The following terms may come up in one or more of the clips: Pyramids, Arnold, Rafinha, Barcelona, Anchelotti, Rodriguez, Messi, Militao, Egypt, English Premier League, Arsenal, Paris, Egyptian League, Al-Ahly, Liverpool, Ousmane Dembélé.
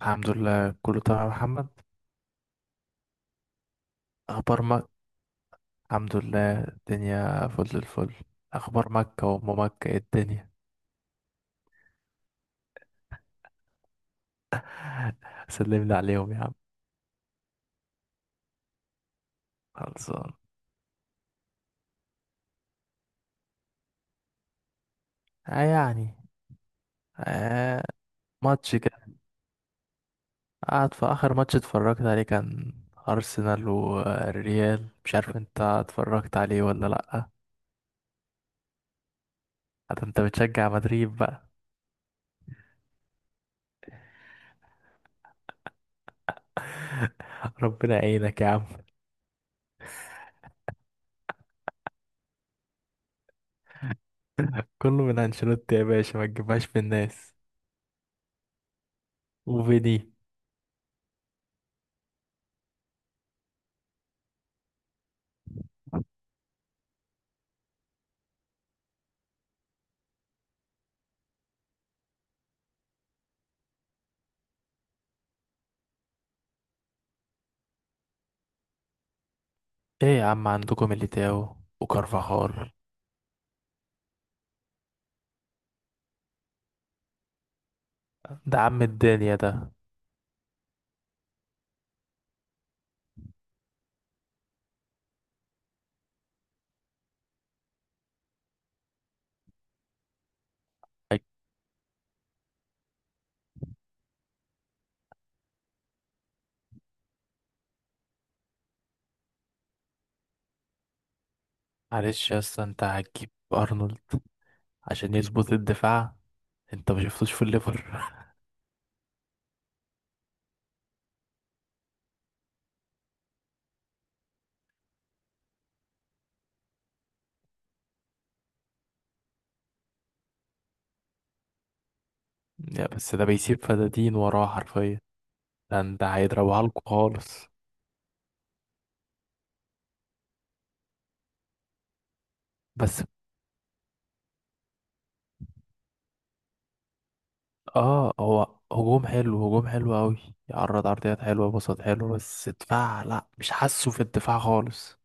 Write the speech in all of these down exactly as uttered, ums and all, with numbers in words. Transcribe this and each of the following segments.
الحمد لله كله تمام يا محمد. اخبار مكة، الحمد لله الدنيا فل الفل. اخبار مكة وام مكة ايه الدنيا؟ سلم لي عليهم يا عم. خلصان. آه يعني. آه. ماتش كده، قعد في اخر ماتش اتفرجت عليه، كان ارسنال والريال، مش عارف انت اتفرجت عليه ولا لا. حتى انت بتشجع مدريد بقى. ربنا يعينك يا عم. كله من انشيلوتي يا باشا، ما تجيبهاش في الناس. وفيني. ايه يا عم، عندكم ميليتاو وكارفاخال، ده عم الدنيا ده. معلش يا اسطى، انت هتجيب ارنولد عشان يظبط الدفاع؟ انت ما شفتوش في الليفر؟ يا بس ده بيسيب فدادين وراه حرفيا، ده انت هيضربها لكم خالص. بس اه، هو هجوم حلو، هجوم حلو قوي، يعرض عرضيات حلوه، بساط حلو، بس دفاع لا مش حاسه في الدفاع خالص.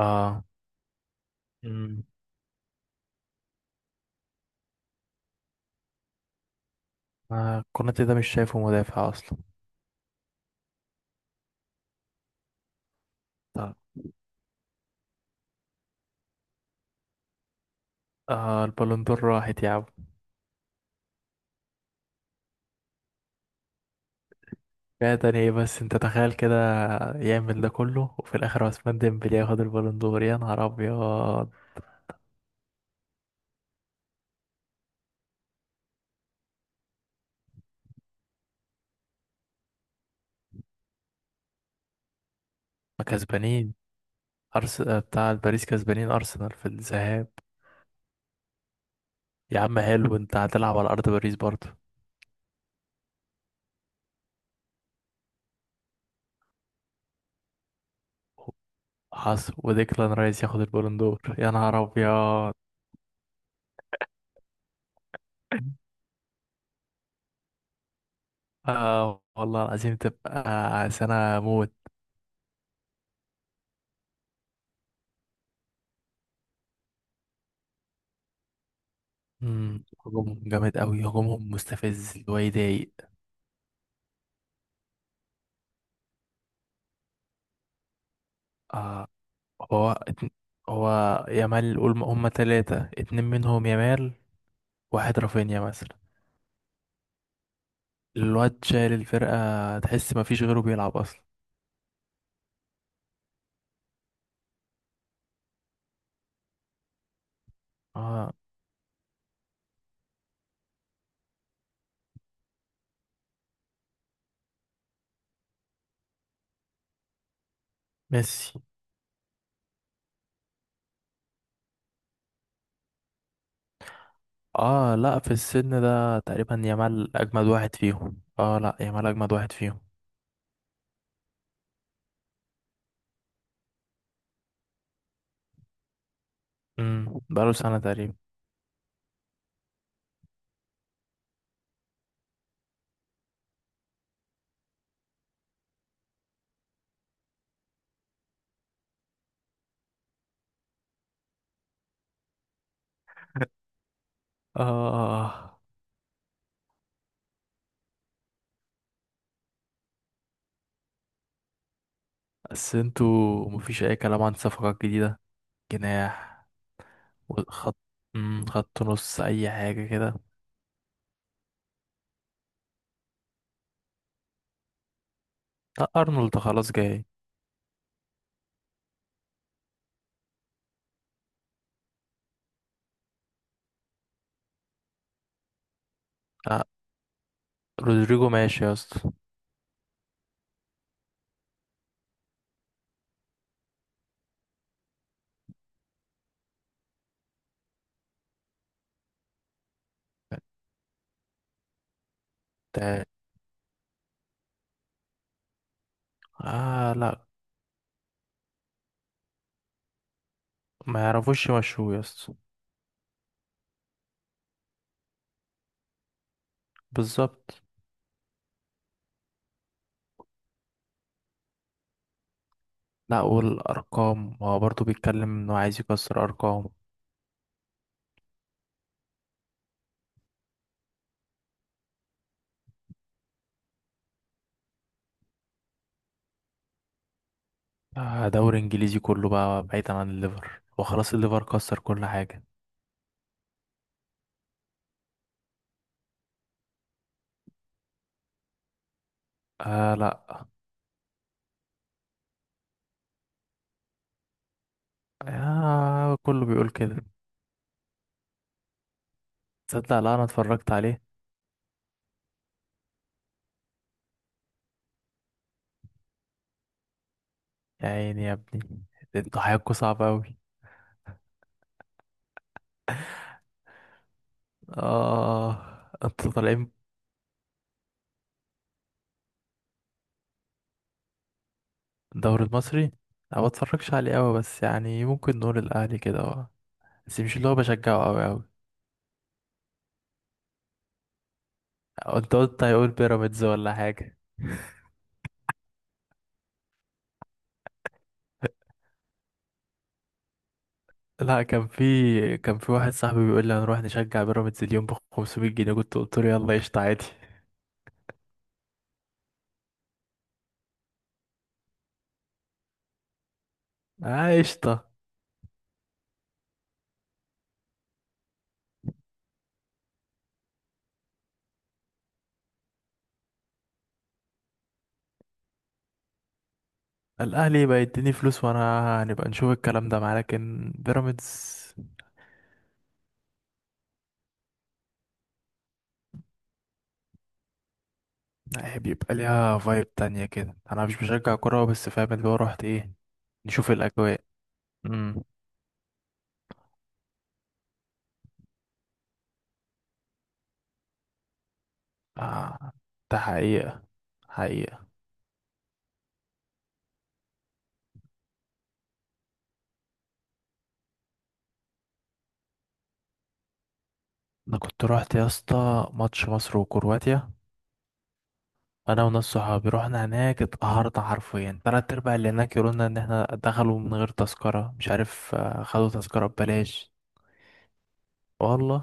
اه. مم. آه، كوناتي ده مش شايفه مدافع اصلا. طب. آه، البالون دور راحت يا عم. فعلا، ايه بس انت تخيل كده، يعمل ده كله وفي الاخر عثمان ديمبلي ياخد البالون دور، يا نهار ابيض. ما كسبانين، أرس... بتاع باريس كسبانين ارسنال في الذهاب. يا عم حلو، انت هتلعب على ارض باريس برضه. حصل وديكلان رايس ياخد البالون دور، يا نهار ابيض. آه والله العظيم تبقى سنة موت. مم، هجومهم جامد قوي، هجومهم مستفز، اللي هو يضايق. آه. هو اتن- هو يامال، قول هما تلاتة، اتنين منهم يامال، واحد رافينيا مثلا. الواد شايل الفرقة، تحس مفيش غيره بيلعب أصلا. اه. ميسي. اه لا، في السن ده تقريبا يامال أجمد واحد فيهم، اه لا يامال أجمد واحد فيهم. امم، بقاله سنة تقريبا. اه. بس انتوا مفيش أي كلام عن صفقات جديدة؟ جناح، وخط، مم، خط نص، أي حاجة كده. لا أرنولد خلاص جاي. لا. رودريجو ماشي يا اسطى. التاني. اه لا. ما يعرفوش يمشوه يا اسطى. بالظبط. لا والأرقام، هو برضه بيتكلم إنه عايز يكسر أرقام. آه، دوري إنجليزي كله بقى بعيدا عن الليفر، وخلاص الليفر كسر كل حاجة. آه لا. آه كله بيقول كده. تصدق لا أنا اتفرجت عليه. يا عيني يا ابني، انتوا حياتكوا صعبة أوي. آه. انتوا طالعين. الدوري المصري، أنا ما بتفرجش عليه أوي، بس يعني ممكن نقول الأهلي كده، آه. بس مش اللي هو بشجعه أوي أوي. انت قلت هيقول بيراميدز ولا حاجة. لا، كان في، كان في واحد صاحبي بيقول لي هنروح نشجع بيراميدز اليوم ب خمسميت جنيه، كنت قلت له يلا قشطة عادي. اه قشطة. الأهلي يبقى يديني فلوس وأنا هنبقى نشوف الكلام ده معاه، لكن بيراميدز لا، بيبقى ليها فايب تانية كده، أنا مش بشجع كورة بس فاهم اللي هو رحت إيه، نشوف الأجواء. امم. آه. ده حقيقة. حقيقة. أنا كنت رحت يا اسطى ماتش مصر وكرواتيا، انا وناس صحابي رحنا هناك، اتقهرنا حرفيا، تلات ارباع اللي هناك يقولولنا ان احنا دخلوا من غير تذكرة، مش عارف، آه، خدوا تذكرة ببلاش. والله.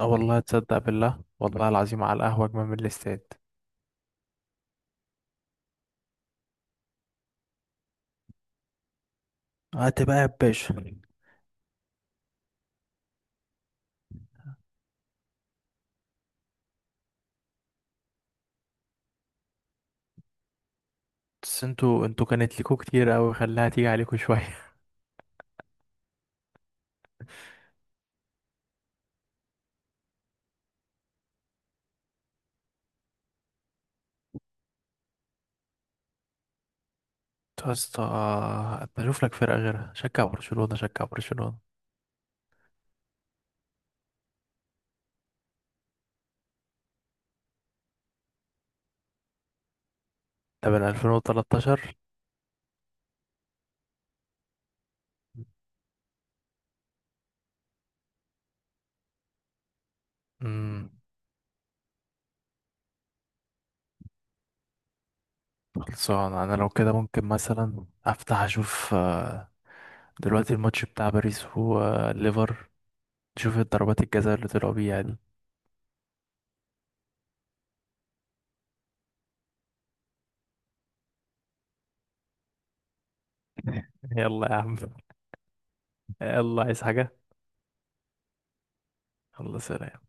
اه والله تصدق بالله، والله العظيم على القهوة اجمل من الاستاد. هات بقى يا باشا. بس انتوا، انتوا كانت ليكوا كتير اوي، خليها تيجي عليكوا شوية. انتوا يا اسطى بشوف لك فرقة غيرها، شجع برشلونة، شجع برشلونة. ده من ألفين وتلاتة عشر. امم. خلصان، انا لو كده ممكن مثلا افتح اشوف، آه، دلوقتي الماتش بتاع باريس وليفر، شوف الضربات الجزاء اللي طلعوا بيها دي. يلا يا عم. يلا عايز حاجة. الله. سلام.